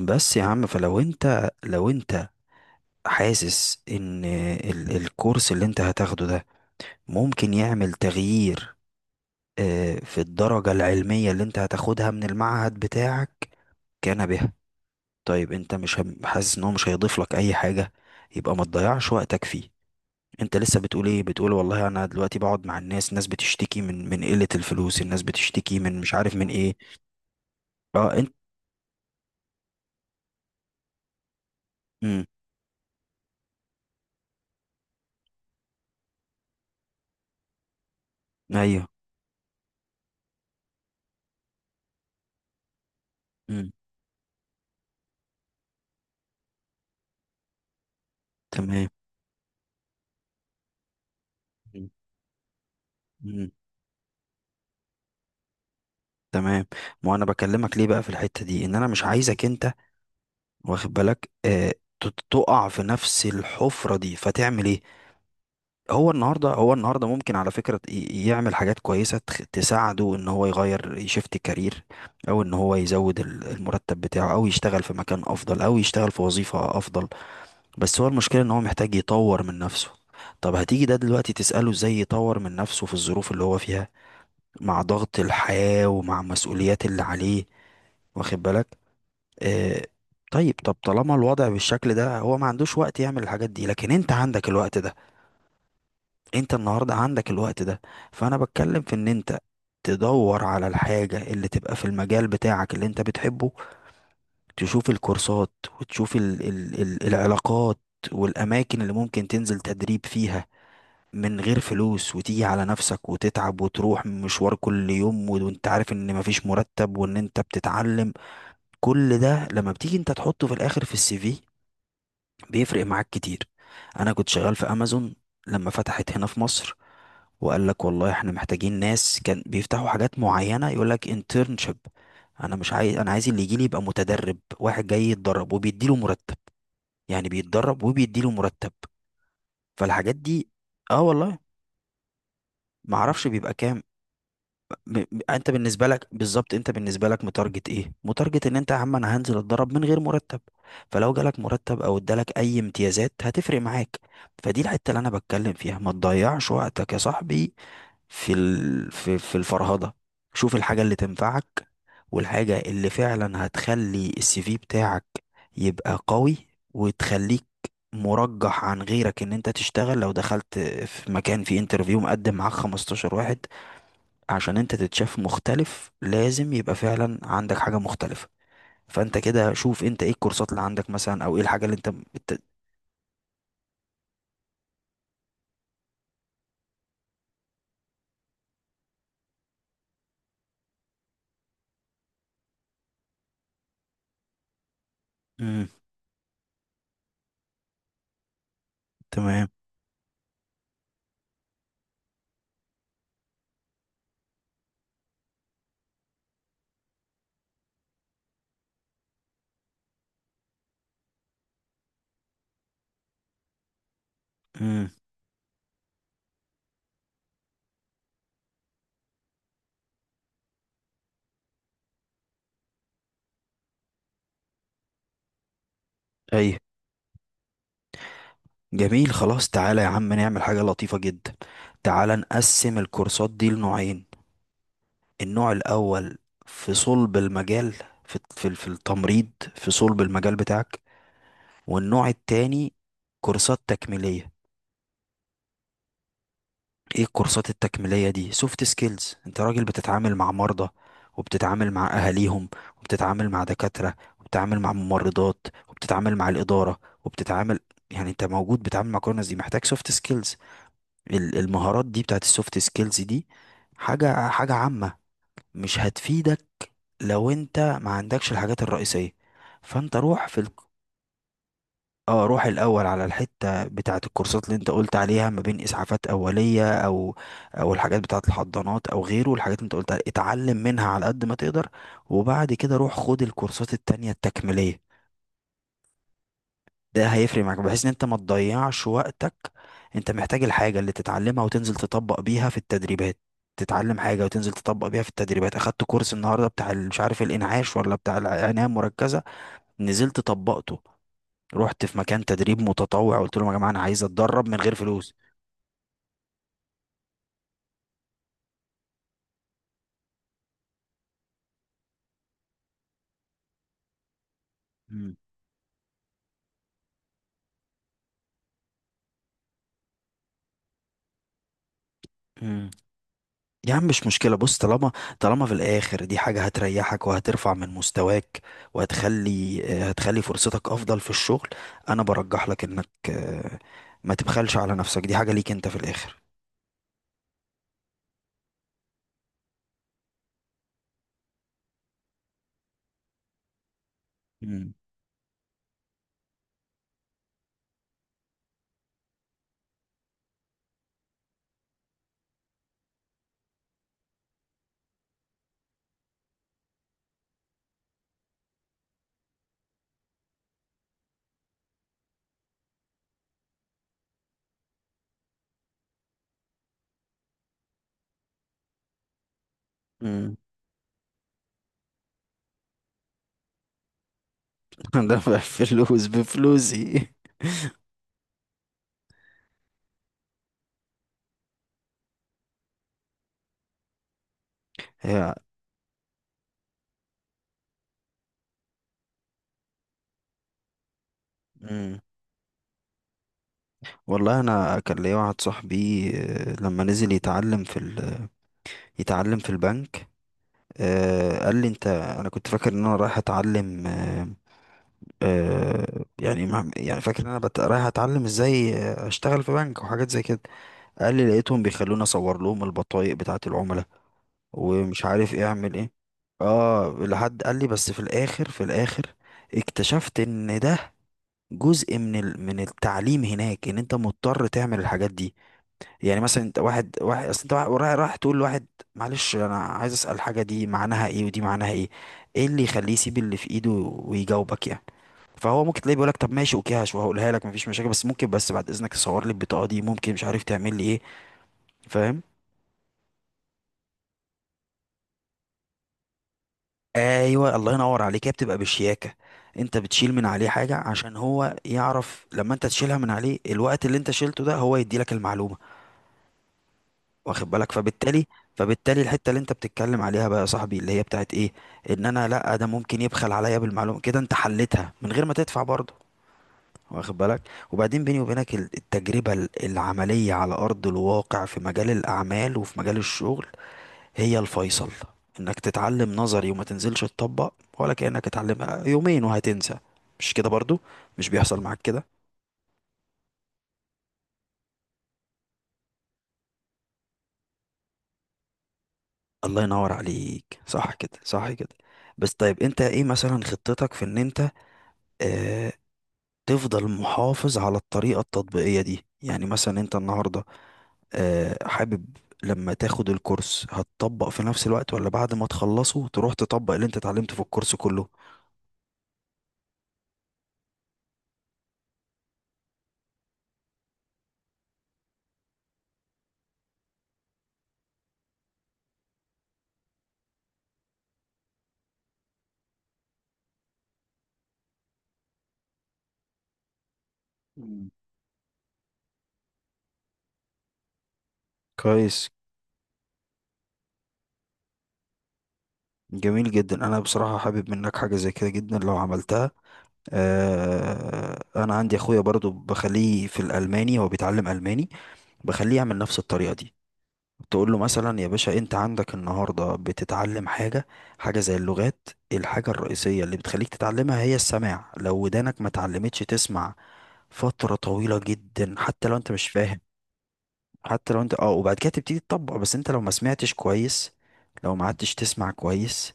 بس يا عم فلو انت حاسس ان الكورس اللي انت هتاخده ده ممكن يعمل تغيير، في الدرجة العلمية اللي انت هتاخدها من المعهد بتاعك كان بها. طيب انت مش حاسس ان هو مش هيضيف لك اي حاجة، يبقى ما تضيعش وقتك فيه. انت لسه بتقول ايه؟ بتقول والله انا دلوقتي بقعد مع الناس، الناس بتشتكي من قلة الفلوس، الناس بتشتكي من مش عارف من ايه. اه انت. امم. ايوه. امم. تمام. تمام. ما انا بكلمك ليه بقى في الحتة دي؟ ان انا مش عايزك انت، واخد بالك؟ آه، تقع في نفس الحفرة دي، فتعمل ايه؟ هو النهاردة، هو النهاردة ممكن على فكرة يعمل حاجات كويسة تساعده ان هو يغير، يشفت كارير، او ان هو يزود المرتب بتاعه او يشتغل في مكان افضل او يشتغل في وظيفة افضل، بس هو المشكلة ان هو محتاج يطور من نفسه. طب هتيجي ده دلوقتي تسأله ازاي يطور من نفسه في الظروف اللي هو فيها، مع ضغط الحياة ومع المسؤوليات اللي عليه؟ واخد بالك؟ آه. طيب طالما الوضع بالشكل ده، هو ما عندوش وقت يعمل الحاجات دي، لكن انت عندك الوقت ده، انت النهارده عندك الوقت ده. فانا بتكلم في ان انت تدور على الحاجة اللي تبقى في المجال بتاعك اللي انت بتحبه، تشوف الكورسات، وتشوف ال العلاقات والأماكن اللي ممكن تنزل تدريب فيها من غير فلوس، وتيجي على نفسك وتتعب وتروح مشوار كل يوم، وانت عارف ان مفيش مرتب وان انت بتتعلم. كل ده لما بتيجي انت تحطه في الاخر في السي في بيفرق معاك كتير. انا كنت شغال في امازون لما فتحت هنا في مصر، وقال لك والله احنا محتاجين ناس. كان بيفتحوا حاجات معينة يقول لك internship. انا مش عايز، انا عايز اللي يجي لي يبقى متدرب، واحد جاي يتدرب وبيديله مرتب، يعني بيتدرب وبيديله مرتب. فالحاجات دي. اه والله، ما اعرفش بيبقى كام. انت بالنسبه لك بالظبط، انت بالنسبه لك متارجت ايه؟ متارجت ان انت يا عم انا هنزل اتدرب من غير مرتب، فلو جالك مرتب او ادالك اي امتيازات هتفرق معاك. فدي الحته اللي انا بتكلم فيها، ما تضيعش وقتك يا صاحبي في ال... في في الفرهده، شوف الحاجه اللي تنفعك، والحاجه اللي فعلا هتخلي السي في بتاعك يبقى قوي، وتخليك مرجح عن غيرك ان انت تشتغل. لو دخلت في مكان فيه انترفيو مقدم معاك 15 واحد، عشان انت تتشاف مختلف لازم يبقى فعلا عندك حاجة مختلفة. فانت كده شوف انت ايه الكورسات اللي عندك مثلا، او ايه الحاجة اللي انت بت... مم. تمام. مم. اي. جميل، خلاص، تعالى يا عم نعمل حاجة لطيفة جدا. تعالى نقسم الكورسات دي لنوعين. النوع الاول في صلب المجال، في التمريض، في صلب المجال بتاعك. والنوع التاني كورسات تكميلية. ايه الكورسات التكميلية دي؟ سوفت سكيلز. انت راجل بتتعامل مع مرضى، وبتتعامل مع اهاليهم، وبتتعامل مع دكاترة، وبتتعامل مع ممرضات، وبتتعامل مع الإدارة، وبتتعامل، يعني انت موجود بتتعامل مع كل الناس دي، محتاج سوفت سكيلز. المهارات دي بتاعت السوفت سكيلز دي حاجة عامة، مش هتفيدك لو انت ما عندكش الحاجات الرئيسية. فانت روح في، اه روح الاول على الحته بتاعه الكورسات اللي انت قلت عليها، ما بين اسعافات اوليه او او الحاجات بتاعه الحضانات او غيره الحاجات اللي انت قلت عليها، اتعلم منها على قد ما تقدر. وبعد كده روح خد الكورسات التانية التكميليه. ده هيفرق معاك بحيث ان انت ما تضيعش وقتك. انت محتاج الحاجه اللي تتعلمها وتنزل تطبق بيها في التدريبات، تتعلم حاجه وتنزل تطبق بيها في التدريبات. اخدت كورس النهارده بتاع مش عارف الانعاش ولا بتاع العنايه المركزه، نزلت طبقته، رحت في مكان تدريب متطوع قلت لهم يا جماعه انا عايز اتدرب من غير فلوس. مم. مم. يا عم مش مشكلة، بص، طالما، طالما في الآخر دي حاجة هتريحك وهترفع من مستواك وهتخلي هتخلي فرصتك أفضل في الشغل، أنا برجح لك إنك ما تبخلش على نفسك، دي حاجة ليك أنت في الآخر. مم. مم. أنا بفلوس، بفلوسي. يا. مم. والله أنا كان ليا واحد صاحبي، لما نزل يتعلم في يتعلم في البنك، آه، قال لي انت، انا كنت فاكر ان انا رايح اتعلم، آه، آه، يعني يعني فاكر ان انا رايح اتعلم ازاي، اشتغل في بنك وحاجات زي كده. قال لي لقيتهم بيخلوني اصور لهم البطايق بتاعه العملاء، ومش عارف ايه اعمل ايه. اه، لحد قال لي، بس في الاخر، في الاخر اكتشفت ان ده جزء من من التعليم هناك، ان انت مضطر تعمل الحاجات دي. يعني مثلا انت واحد واحد، اصل انت رايح تقول لواحد معلش انا عايز اسال، الحاجه دي معناها ايه ودي معناها ايه، ايه اللي يخليه يسيب اللي في ايده ويجاوبك يعني؟ فهو ممكن تلاقيه بيقولك طب ماشي اوكي وهقولها لك مفيش مشاكل، بس ممكن، بس بعد اذنك تصور لي البطاقه دي، ممكن مش عارف تعمل لي ايه. فاهم؟ ايوه الله ينور عليك، هي بتبقى بشياكه. انت بتشيل من عليه حاجه عشان هو يعرف لما انت تشيلها من عليه، الوقت اللي انت شيلته ده هو يدي لك المعلومه، واخد بالك؟ فبالتالي، فبالتالي الحته اللي انت بتتكلم عليها بقى يا صاحبي اللي هي بتاعت ايه، ان انا لا ده ممكن يبخل عليا بالمعلومه، كده انت حلتها من غير ما تدفع برضه، واخد بالك؟ وبعدين بيني وبينك التجربه العمليه على ارض الواقع في مجال الاعمال وفي مجال الشغل هي الفيصل. انك تتعلم نظري وما تنزلش تطبق، ولا كانك اتعلم يومين وهتنسى، مش كده برضه؟ مش بيحصل معاك كده؟ الله ينور عليك، صح كده، صح كده. بس طيب انت ايه مثلا خطتك في ان انت آه، تفضل محافظ على الطريقة التطبيقية دي؟ يعني مثلا انت النهاردة حابب لما تاخد الكورس هتطبق في نفس الوقت، ولا بعد ما تخلصه تروح تطبق اللي انت اتعلمته في الكورس كله؟ مم. كويس. جميل جدا، انا بصراحة حابب منك حاجة زي كده جدا لو عملتها. انا عندي اخويا برضو، بخليه في الالماني، هو بيتعلم الماني، بخليه يعمل نفس الطريقة دي. تقول له مثلا يا باشا انت عندك النهارده بتتعلم حاجه، حاجه زي اللغات الحاجه الرئيسيه اللي بتخليك تتعلمها هي السماع. لو ودانك ما اتعلمتش تسمع فتره طويله جدا، حتى لو انت مش فاهم، حتى لو انت اه، وبعد كده تبتدي تطبق. بس انت لو ما سمعتش كويس، لو ما عدتش تسمع كويس،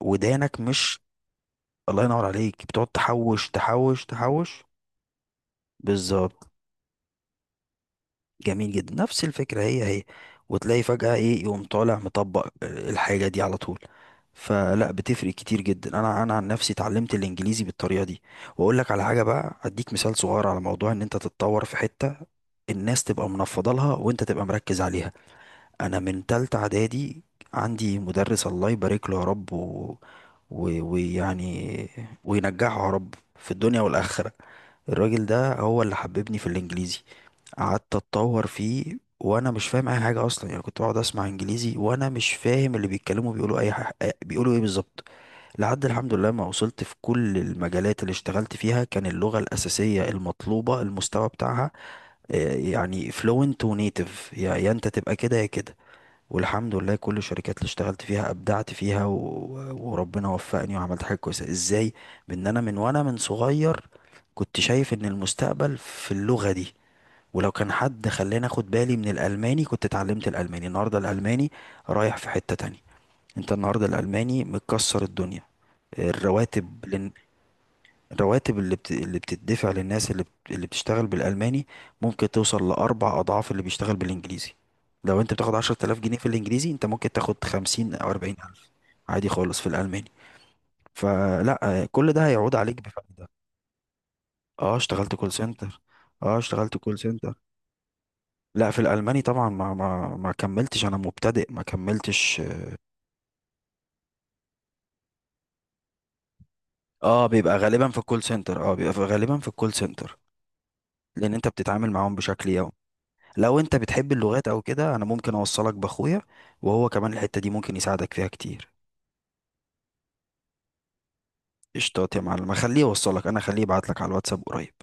ودانك مش، الله ينور عليك، بتقعد تحوش تحوش تحوش. بالظبط، جميل جدا، نفس الفكرة هي هي. وتلاقي فجأة ايه؟ يقوم طالع مطبق، الحاجة دي على طول. فلا بتفرق كتير جدا، انا عن نفسي اتعلمت الانجليزي بالطريقة دي. واقول لك على حاجة بقى، اديك مثال صغير على موضوع ان انت تتطور في حتة الناس تبقى منفضة لها، وانت تبقى مركز عليها. انا من تالتة اعدادي عندي مدرس الله يبارك له يا رب، ويعني، وينجحه يا رب في الدنيا والآخرة. الراجل ده هو اللي حببني في الانجليزي، قعدت اتطور فيه وانا مش فاهم اي حاجه اصلا. يعني كنت بقعد اسمع انجليزي وانا مش فاهم اللي بيتكلموا بيقولوا اي حاجة، بيقولوا ايه بالظبط، لحد الحمد لله ما وصلت. في كل المجالات اللي اشتغلت فيها كان اللغه الاساسيه المطلوبه، المستوى بتاعها يعني فلوينت ونيتف، يا انت تبقى كده يا كده. والحمد لله كل الشركات اللي اشتغلت فيها ابدعت فيها وربنا وفقني وعملت حاجه كويسه ازاي، بان انا من صغير كنت شايف ان المستقبل في اللغه دي. ولو كان حد خلاني اخد بالي من الالماني كنت اتعلمت الالماني. النهارده الالماني رايح في حتة تانية، انت النهارده الالماني مكسر الدنيا. الرواتب لن... الرواتب اللي بتدفع للناس اللي بتشتغل بالالماني ممكن توصل لاربع اضعاف اللي بيشتغل بالانجليزي. لو انت بتاخد 10,000 جنيه في الانجليزي انت ممكن تاخد 50 او 40 ألف عادي خالص في الالماني. فلا كل ده هيعود عليك بفائدة. اه اشتغلت كول سنتر. اه اشتغلت كول سنتر. لا في الالماني طبعا، ما كملتش، انا مبتدئ ما كملتش. اه بيبقى غالبا في الكول سنتر، لان انت بتتعامل معاهم بشكل يومي. لو انت بتحب اللغات او كده، انا ممكن اوصلك باخويا، وهو كمان الحتة دي ممكن يساعدك فيها كتير. قشطات يا معلم، خليه يوصلك، انا خليه يبعت لك على الواتساب قريب.